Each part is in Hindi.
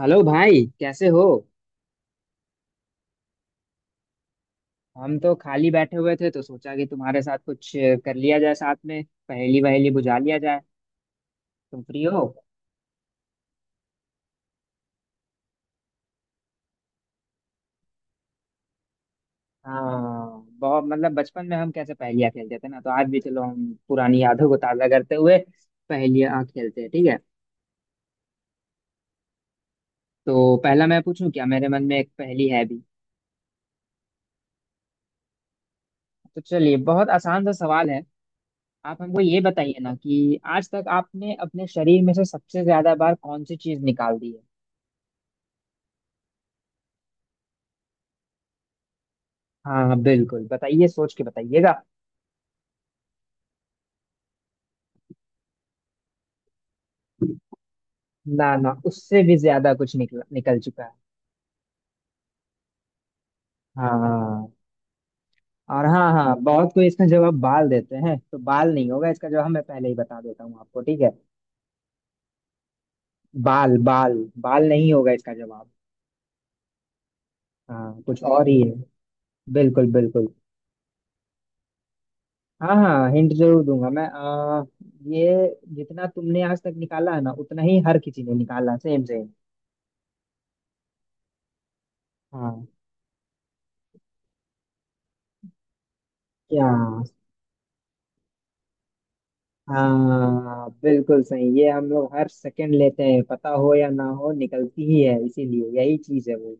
हेलो भाई, कैसे हो। हम तो खाली बैठे हुए थे तो सोचा कि तुम्हारे साथ कुछ कर लिया जाए, साथ में पहेली वहेली बुझा लिया जाए। तुम फ्री हो? हाँ बहुत, मतलब बचपन में हम कैसे पहेलियाँ खेलते थे ना, तो आज भी चलो हम पुरानी यादों को ताज़ा करते हुए पहेलियाँ खेलते हैं, ठीक है। तो पहला मैं पूछूं क्या, मेरे मन में एक पहेली है भी। तो चलिए, बहुत आसान सा सवाल है। आप हमको ये बताइए ना कि आज तक आपने अपने शरीर में से सबसे ज्यादा बार कौन सी चीज निकाल दी है। हाँ हाँ बिल्कुल बताइए, सोच के बताइएगा। ना ना, उससे भी ज्यादा कुछ निकल निकल चुका है। हाँ। और हाँ हाँ, बहुत कोई इसका जवाब बाल देते हैं, तो बाल नहीं होगा इसका जवाब, मैं पहले ही बता देता हूँ आपको, ठीक है। बाल बाल, बाल नहीं होगा इसका जवाब। हाँ, कुछ और ही है। बिल्कुल बिल्कुल। हाँ हाँ हिंट जरूर दूंगा मैं। ये जितना तुमने आज तक निकाला है ना उतना ही हर किसी ने निकाला, सेम सेम। हाँ। क्या? हाँ बिल्कुल सही, ये हम लोग हर सेकंड लेते हैं, पता हो या ना हो निकलती ही है, इसीलिए यही चीज है वो।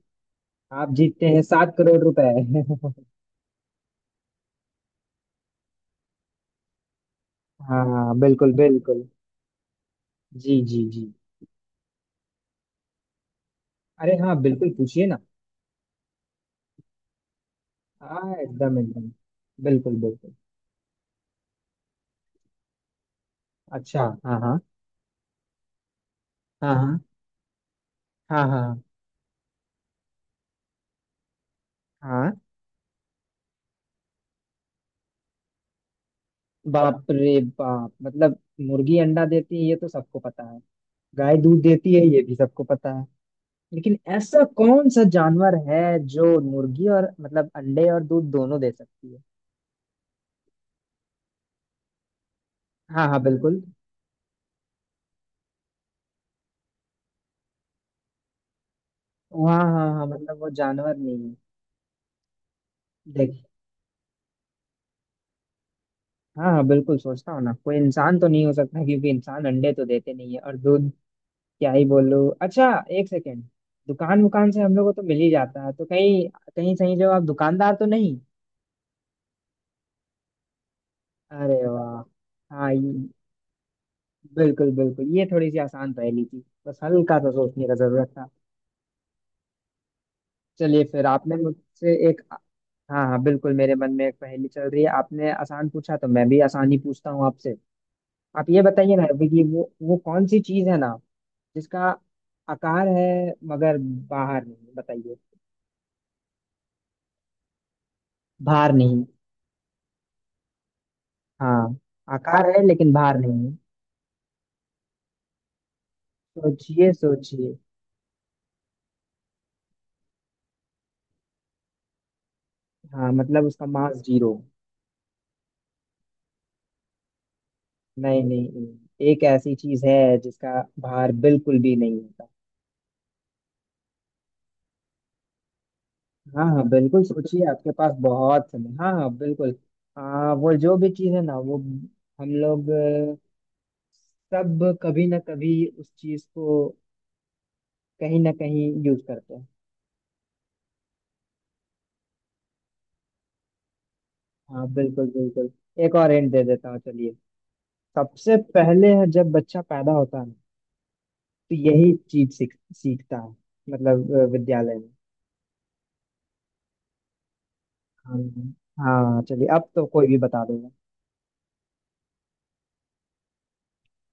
आप जीतते हैं 7 करोड़ रुपए। हाँ बिल्कुल बिल्कुल। जी जी जी। अरे हाँ बिल्कुल, पूछिए ना। हाँ एकदम एकदम, बिल्कुल बिल्कुल। अच्छा हाँ हाँ हाँ। हाँ हाँ। हाँ हाँ। बाप रे बाप, मतलब मुर्गी अंडा देती है ये तो सबको पता है, गाय दूध देती है ये भी सबको पता। लेकिन ऐसा कौन सा जानवर है जो मुर्गी और मतलब अंडे और दूध दोनों दे सकती है। हाँ हाँ बिल्कुल। हाँ हाँ हाँ, मतलब वो जानवर नहीं है। देख। हाँ हाँ बिल्कुल सोचता हूँ ना, कोई इंसान तो नहीं हो सकता क्योंकि इंसान अंडे तो देते नहीं है और दूध क्या ही बोलूँ। अच्छा, एक सेकेंड। दुकान वुकान से हम लोगों को तो मिल ही जाता है, तो कहीं कहीं सही, जो आप दुकानदार तो नहीं। अरे वाह। हाँ ये, बिल्कुल बिल्कुल, ये थोड़ी सी आसान पहेली थी, बस हल्का सा सोचने का जरूरत था। चलिए फिर, आपने मुझसे एक। हाँ हाँ बिल्कुल, मेरे मन में एक पहेली चल रही है, आपने आसान पूछा तो मैं भी आसान ही पूछता हूँ आपसे। आप ये बताइए ना अभी, कि वो कौन सी चीज है ना जिसका आकार है मगर बाहर नहीं बताइए, भार नहीं। हाँ, आकार है लेकिन भार नहीं है। सोचिए सोचिए। हाँ मतलब उसका मास जीरो। नहीं नहीं नहीं, एक ऐसी चीज है जिसका भार बिल्कुल भी नहीं है। हाँ हाँ बिल्कुल सोचिए, आपके पास बहुत समय, हाँ हाँ बिल्कुल। वो जो भी चीज़ है ना, वो हम लोग सब कभी ना कभी उस चीज़ को कहीं ना कहीं यूज करते हैं। हाँ बिल्कुल बिल्कुल, एक और हिंट दे देता हूँ, चलिए। सबसे पहले है जब बच्चा पैदा होता है ना, तो यही चीज सीखता है, मतलब विद्यालय में। हाँ हाँ, चलिए अब तो कोई भी बता देगा।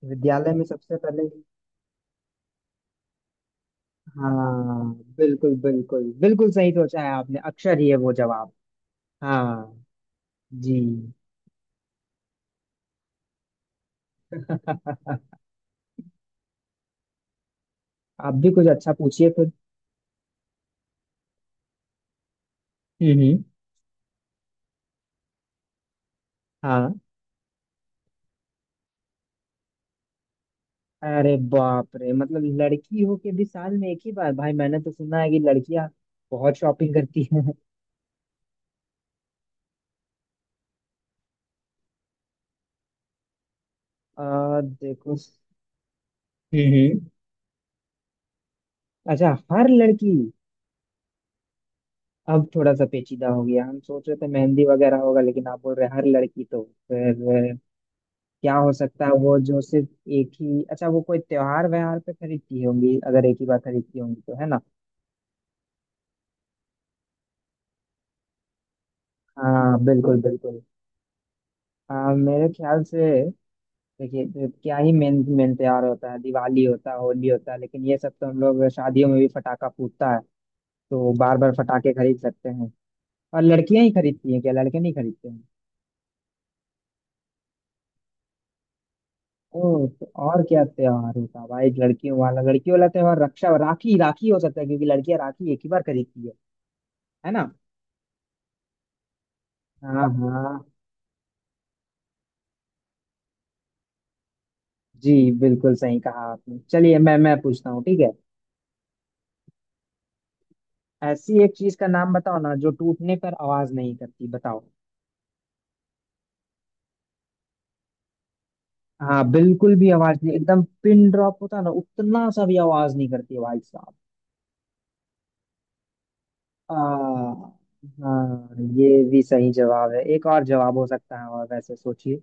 विद्यालय में सबसे पहले। हाँ बिल्कुल बिल्कुल बिल्कुल, सही सोचा है आपने, अक्षर ही है वो जवाब। हाँ। जी। आप भी कुछ अच्छा पूछिए फिर। हम्म हम्म, हाँ। अरे बाप रे, मतलब लड़की हो के भी साल में एक ही बार, भाई मैंने तो सुना है कि लड़कियां बहुत शॉपिंग करती हैं। देखो। हम्म हम्म, अच्छा हर लड़की। अब थोड़ा सा पेचीदा हो गया, हम सोच रहे थे मेहंदी वगैरह होगा लेकिन आप बोल रहे हैं हर लड़की, तो फिर क्या हो सकता है वो जो सिर्फ एक ही। अच्छा, वो कोई त्योहार व्यवहार पे खरीदती होंगी, अगर एक ही बार खरीदती होंगी तो, है ना। हाँ बिल्कुल बिल्कुल। हाँ मेरे ख्याल से देखिए, तो क्या ही मेन मेन त्योहार होता है, दिवाली होता है, होली होता है, लेकिन ये सब तो हम लोग शादियों में भी फटाका फूटता है, तो बार बार फटाके खरीद सकते हैं, और लड़कियां ही खरीदती हैं क्या, लड़के नहीं खरीदते हैं। ओ, तो और क्या त्योहार होता है भाई, लड़कियों वाला त्योहार, रक्षा राखी, राखी हो सकता है क्योंकि लड़कियां राखी एक ही बार खरीदती है ना। हाँ हाँ। जी, बिल्कुल सही कहा आपने। चलिए मैं पूछता हूँ, ठीक है। ऐसी एक चीज का नाम बताओ ना जो टूटने पर आवाज नहीं करती, बताओ। हाँ बिल्कुल भी आवाज नहीं, एकदम पिन ड्रॉप होता है ना, उतना सा भी आवाज नहीं करती है भाई साहब। आ, हाँ, ये भी सही जवाब है, एक और जवाब हो सकता है, और वैसे सोचिए।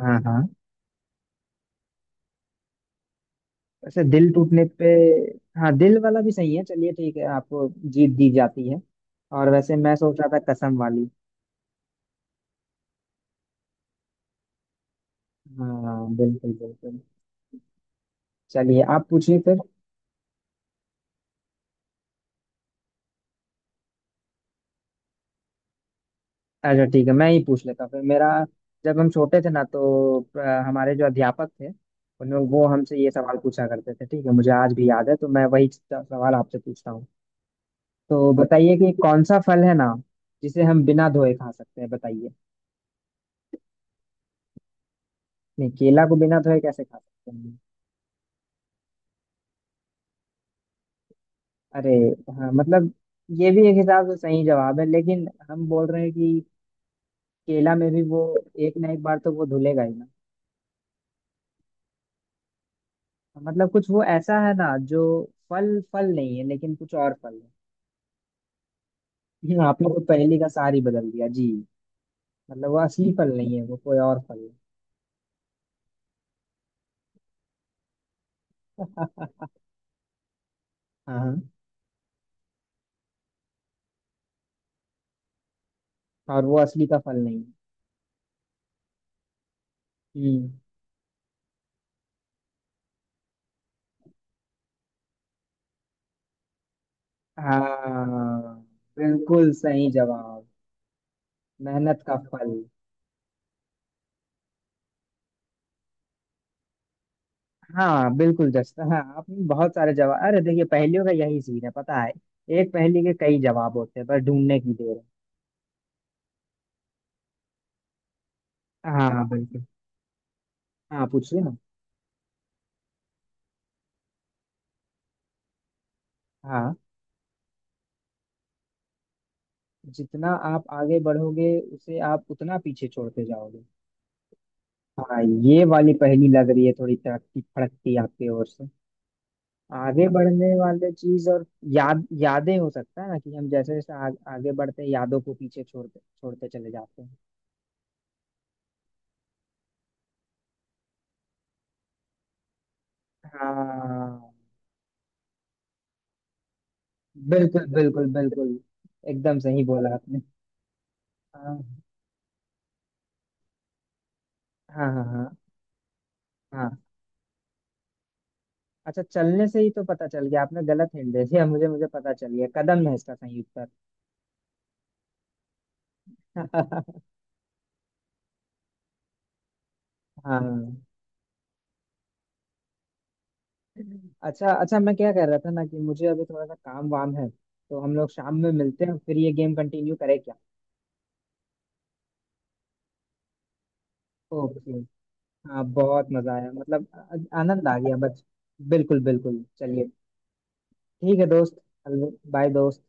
हाँ हाँ। वैसे दिल टूटने पे, हाँ दिल वाला भी सही है, चलिए ठीक है, आपको जीत दी जाती है। और वैसे मैं सोच रहा था कसम वाली। हाँ बिल्कुल बिल्कुल, चलिए आप पूछिए फिर। अच्छा ठीक है, मैं ही पूछ लेता हूँ फिर मेरा। जब हम छोटे थे ना तो हमारे जो अध्यापक थे, उन वो हमसे ये सवाल पूछा करते थे, ठीक है, मुझे आज भी याद है, तो मैं वही सवाल आपसे पूछता हूँ। तो बताइए कि कौन सा फल है ना जिसे हम बिना धोए खा सकते हैं, बताइए। नहीं, केला को बिना धोए कैसे खा सकते हैं। अरे, हाँ मतलब ये भी एक हिसाब से सही जवाब है, लेकिन हम बोल रहे हैं कि केला में भी वो एक ना एक बार तो वो धुलेगा ही ना। मतलब कुछ वो ऐसा है ना जो फल फल नहीं है, लेकिन कुछ और फल है। आपने वो पहले का सार ही बदल दिया जी, मतलब वो असली फल नहीं है, वो कोई और फल है। हाँ हाँ, और वो असली का फल नहीं है। हम्म। हाँ बिल्कुल सही जवाब, मेहनत का फल। हाँ बिल्कुल जस्ट, हाँ आपने बहुत सारे जवाब, अरे देखिए पहेलियों का यही सीन है पता है, एक पहेली के कई जवाब होते हैं, पर ढूंढने की देर है। हाँ बिल्कुल, हाँ पूछिए ना। हाँ, जितना आप आगे बढ़ोगे उसे आप उतना पीछे छोड़ते जाओगे। हाँ, ये वाली पहेली लग रही है थोड़ी तड़कती फड़कती आपकी ओर से। आगे बढ़ने वाले चीज, और याद, यादें हो सकता है ना कि हम जैसे जैसे आगे बढ़ते हैं, यादों को पीछे छोड़ते छोड़ते चले जाते हैं। हाँ बिल्कुल बिल्कुल बिल्कुल, एकदम सही बोला आपने। हाँ हाँ हाँ हाँ हाँ। अच्छा, चलने से ही तो पता चल गया, आपने गलत हिंट दे दिया, मुझे मुझे पता चल गया, कदम है इसका सही उत्तर। हाँ। अच्छा अच्छा, मैं क्या कह रहा था ना कि मुझे अभी थोड़ा सा काम वाम है, तो हम लोग शाम में मिलते हैं, फिर ये गेम कंटिन्यू करें क्या। ओके, हाँ बहुत मजा आया, मतलब आनंद आ गया बच। बिल्कुल बिल्कुल, चलिए ठीक है दोस्त। बाय दोस्त।